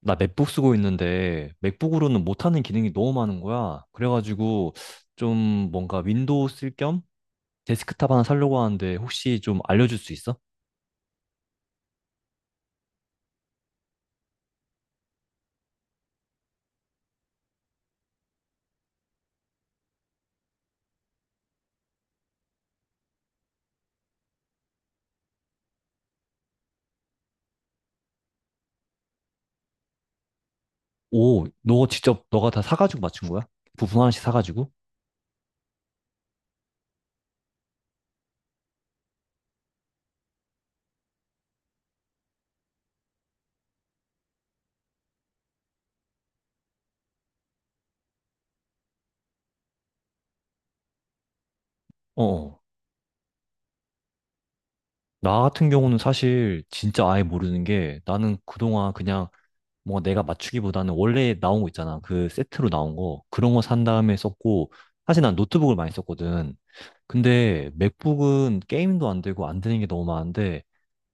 나 맥북 쓰고 있는데 맥북으로는 못하는 기능이 너무 많은 거야. 그래가지고 좀 뭔가 윈도우 쓸 겸 데스크탑 하나 사려고 하는데 혹시 좀 알려줄 수 있어? 오, 너 직접 너가 다 사가지고 맞춘 거야? 부품 하나씩 사가지고? 어. 어. 나 같은 경우는 사실 진짜 아예 모르는 게 나는 그동안 그냥 뭐 내가 맞추기보다는 원래 나온 거 있잖아. 그 세트로 나온 거. 그런 거 산 다음에 썼고, 사실 난 노트북을 많이 썼거든. 근데 맥북은 게임도 안 되고 안 되는 게 너무 많은데,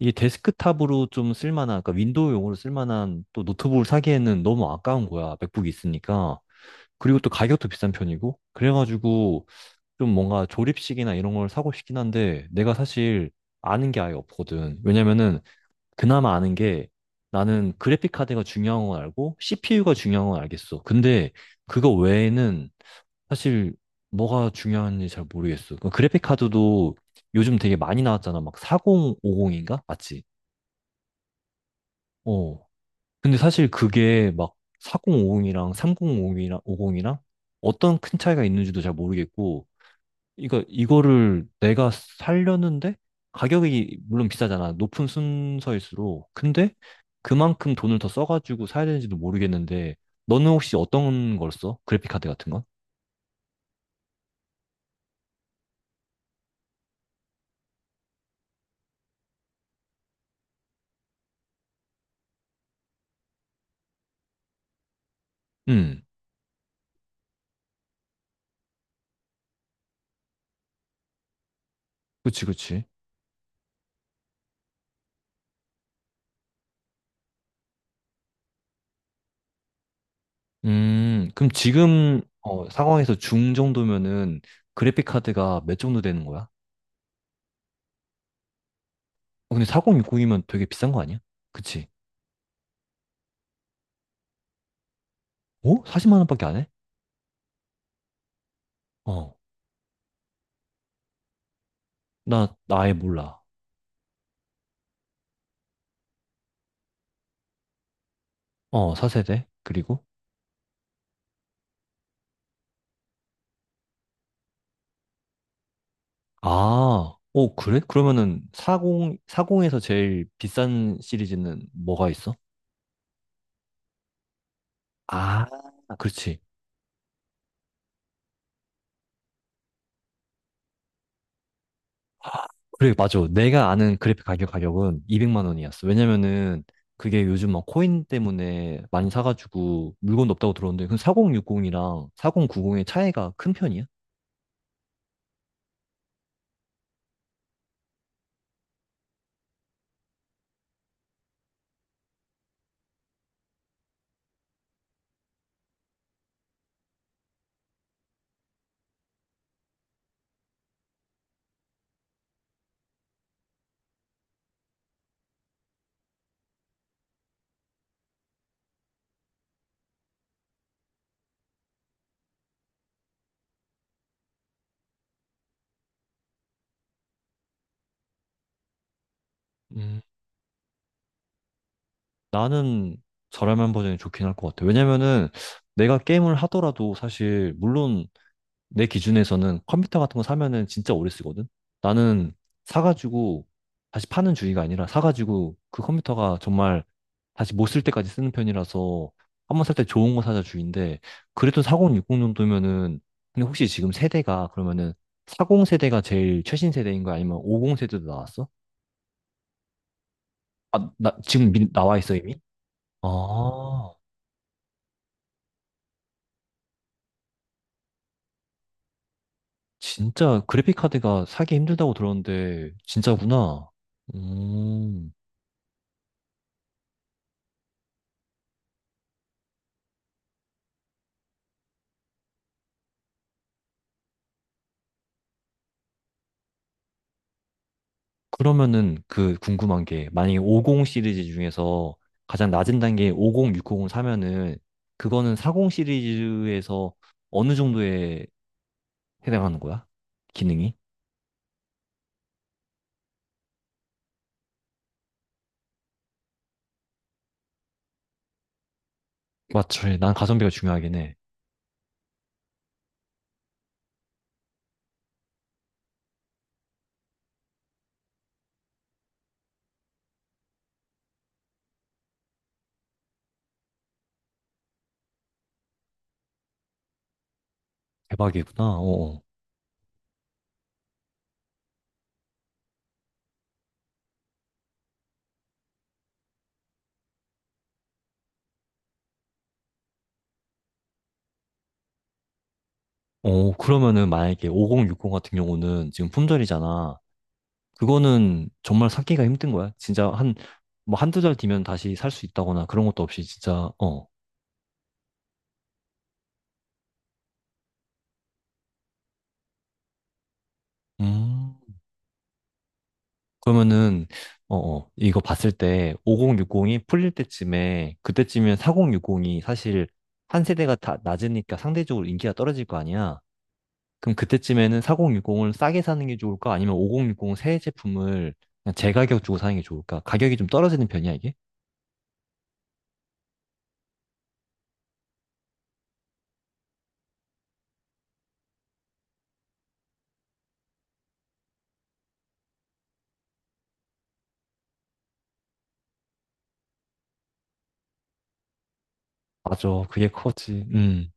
이게 데스크탑으로 좀 쓸만한, 그러니까 윈도우용으로 쓸만한 또 노트북을 사기에는 너무 아까운 거야. 맥북이 있으니까. 그리고 또 가격도 비싼 편이고. 그래가지고 좀 뭔가 조립식이나 이런 걸 사고 싶긴 한데, 내가 사실 아는 게 아예 없거든. 왜냐면은 그나마 아는 게 나는 그래픽 카드가 중요한 건 알고 CPU가 중요한 건 알겠어. 근데 그거 외에는 사실 뭐가 중요한지 잘 모르겠어. 그 그래픽 카드도 요즘 되게 많이 나왔잖아. 막 4050인가? 맞지? 어. 근데 사실 그게 막 4050이랑 3050이랑 50이랑 어떤 큰 차이가 있는지도 잘 모르겠고 이거를 내가 살려는데 가격이 물론 비싸잖아. 높은 순서일수록. 근데 그만큼 돈을 더 써가지고 사야 되는지도 모르겠는데 너는 혹시 어떤 걸 써? 그래픽 카드 같은 건? 음, 그치, 그치. 그럼 지금 상황에서 중 정도면은 그래픽 카드가 몇 정도 되는 거야? 어, 근데 4060이면 되게 비싼 거 아니야? 그치? 어? 40만 원밖에 안 해? 어, 나 아예 몰라. 어, 4세대? 그리고? 아, 오, 그래? 그러면은 40, 사공에서 제일 비싼 시리즈는 뭐가 있어? 아, 그렇지. 그래, 맞아. 내가 아는 그래픽 가격은 200만 원이었어. 왜냐면은 그게 요즘 막 코인 때문에 많이 사가지고 물건도 없다고 들었는데, 그럼 4060이랑 4090의 차이가 큰 편이야? 음, 나는 저렴한 버전이 좋긴 할 것 같아. 왜냐면은 내가 게임을 하더라도 사실, 물론 내 기준에서는 컴퓨터 같은 거 사면은 진짜 오래 쓰거든? 나는 사가지고 다시 파는 주의가 아니라 사가지고 그 컴퓨터가 정말 다시 못 쓸 때까지 쓰는 편이라서 한번 살 때 좋은 거 사자 주의인데 그래도 4060 정도면은 근데 혹시 지금 세대가 그러면은 40 세대가 제일 최신 세대인 거야? 아니면 50 세대도 나왔어? 아, 나 지금 나와 있어 이미? 아, 진짜 그래픽 카드가 사기 힘들다고 들었는데 진짜구나. 음. 그러면은 그 궁금한 게 만약에 50 시리즈 중에서 가장 낮은 단계 50, 60을 사면은 그거는 40 시리즈에서 어느 정도에 해당하는 거야? 기능이? 맞지. 난 가성비가 중요하긴 해. 대박이구나. 어. 어, 어, 그러면은 만약에 50, 60 같은 경우는 지금 품절이잖아. 그거는 정말 찾기가 힘든 거야. 진짜 한, 뭐 한두 달 뒤면 다시 살 수 있다거나 그런 것도 없이 진짜, 어. 음. 그러면은, 이거 봤을 때 5060이 풀릴 때쯤에, 그때쯤이면 4060이 사실 한 세대가 다 낮으니까 상대적으로 인기가 떨어질 거 아니야? 그럼 그때쯤에는 4060을 싸게 사는 게 좋을까? 아니면 5060 새 제품을 그냥 제가격 주고 사는 게 좋을까? 가격이 좀 떨어지는 편이야, 이게? 맞아, 그게 커지. 음.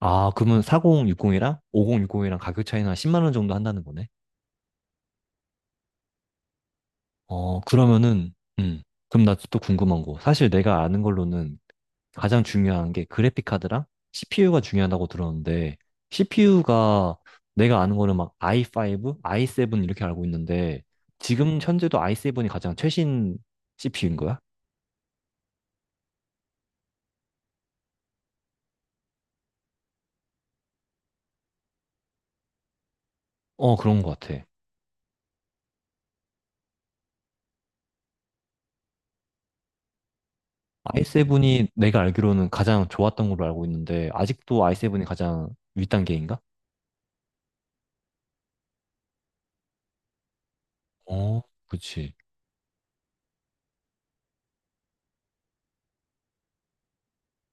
아, 그러면 4060이랑 5060이랑 가격 차이는 한 10만 원 정도 한다는 거네? 그러면은, 음. 그럼 나 또 궁금한 거. 사실 내가 아는 걸로는 가장 중요한 게 그래픽 카드랑 CPU가 중요하다고 들었는데, CPU가 내가 아는 거는 막 i5, i7 이렇게 알고 있는데, 지금 현재도 i7이 가장 최신 CPU인 거야? 어, 그런 것 같아. i7이 내가 알기로는 가장 좋았던 걸로 알고 있는데, 아직도 i7이 가장 윗단계인가? 어, 그치.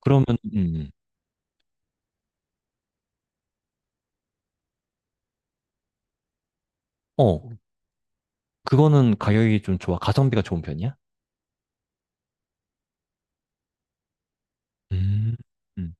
그러면, 음, 음. 어, 그거는 가격이 좀 좋아. 가성비가 좋은 편이야? 음. 음.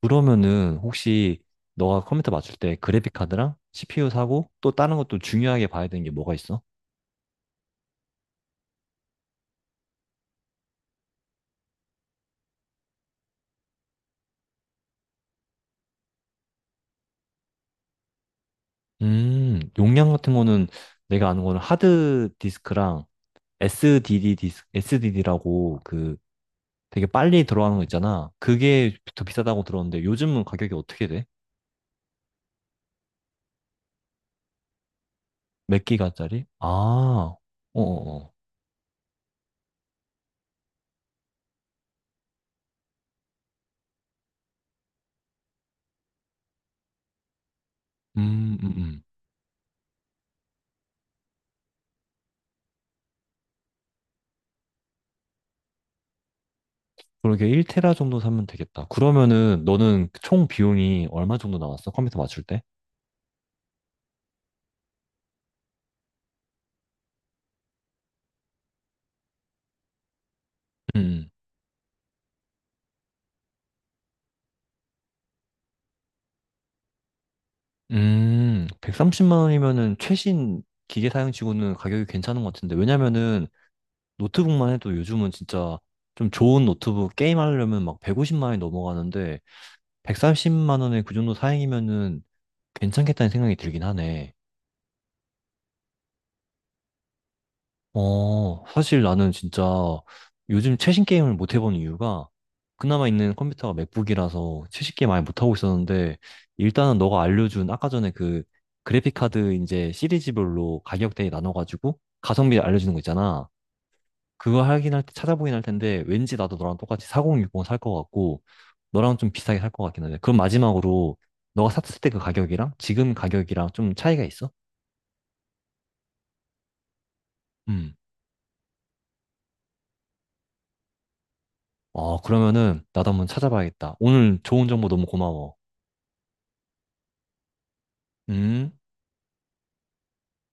그러면은 혹시 너가 컴퓨터 맞출 때 그래픽 카드랑 CPU 사고 또 다른 것도 중요하게 봐야 되는 게 뭐가 있어? 용량 같은 거는 내가 아는 거는 하드 디스크랑 SDD SD 라고 그 되게 빨리 들어가는 거 있잖아. 그게 더 비싸다고 들었는데 요즘은 가격이 어떻게 돼? 몇 기가짜리? 아, 어어어. 음, 음, 음. 그러게 1테라 정도 사면 되겠다. 그러면은 너는 총 비용이 얼마 정도 나왔어? 컴퓨터 맞출 때? 음, 130만 원이면은 최신 기계 사양치고는 가격이 괜찮은 것 같은데, 왜냐면은 노트북만 해도 요즘은 진짜 좀 좋은 노트북 게임하려면 막 150만 원이 넘어가는데, 130만 원에 그 정도 사양이면은 괜찮겠다는 생각이 들긴 하네. 어, 사실 나는 진짜 요즘 최신 게임을 못 해본 이유가 그나마 있는 컴퓨터가 맥북이라서 최신 게임 많이 못하고 있었는데 일단은 너가 알려준 아까 전에 그 그래픽카드 이제 시리즈별로 가격대에 나눠가지고 가성비 알려주는 거 있잖아. 그거 하긴 할 때 찾아보긴 할 텐데 왠지 나도 너랑 똑같이 4060 살 것 같고 너랑 좀 비슷하게 살 것 같긴 한데 그럼 마지막으로 너가 샀을 때 그 가격이랑 지금 가격이랑 좀 차이가 있어? 음. 어, 그러면은 나도 한번 찾아봐야겠다. 오늘 좋은 정보 너무 고마워. 음.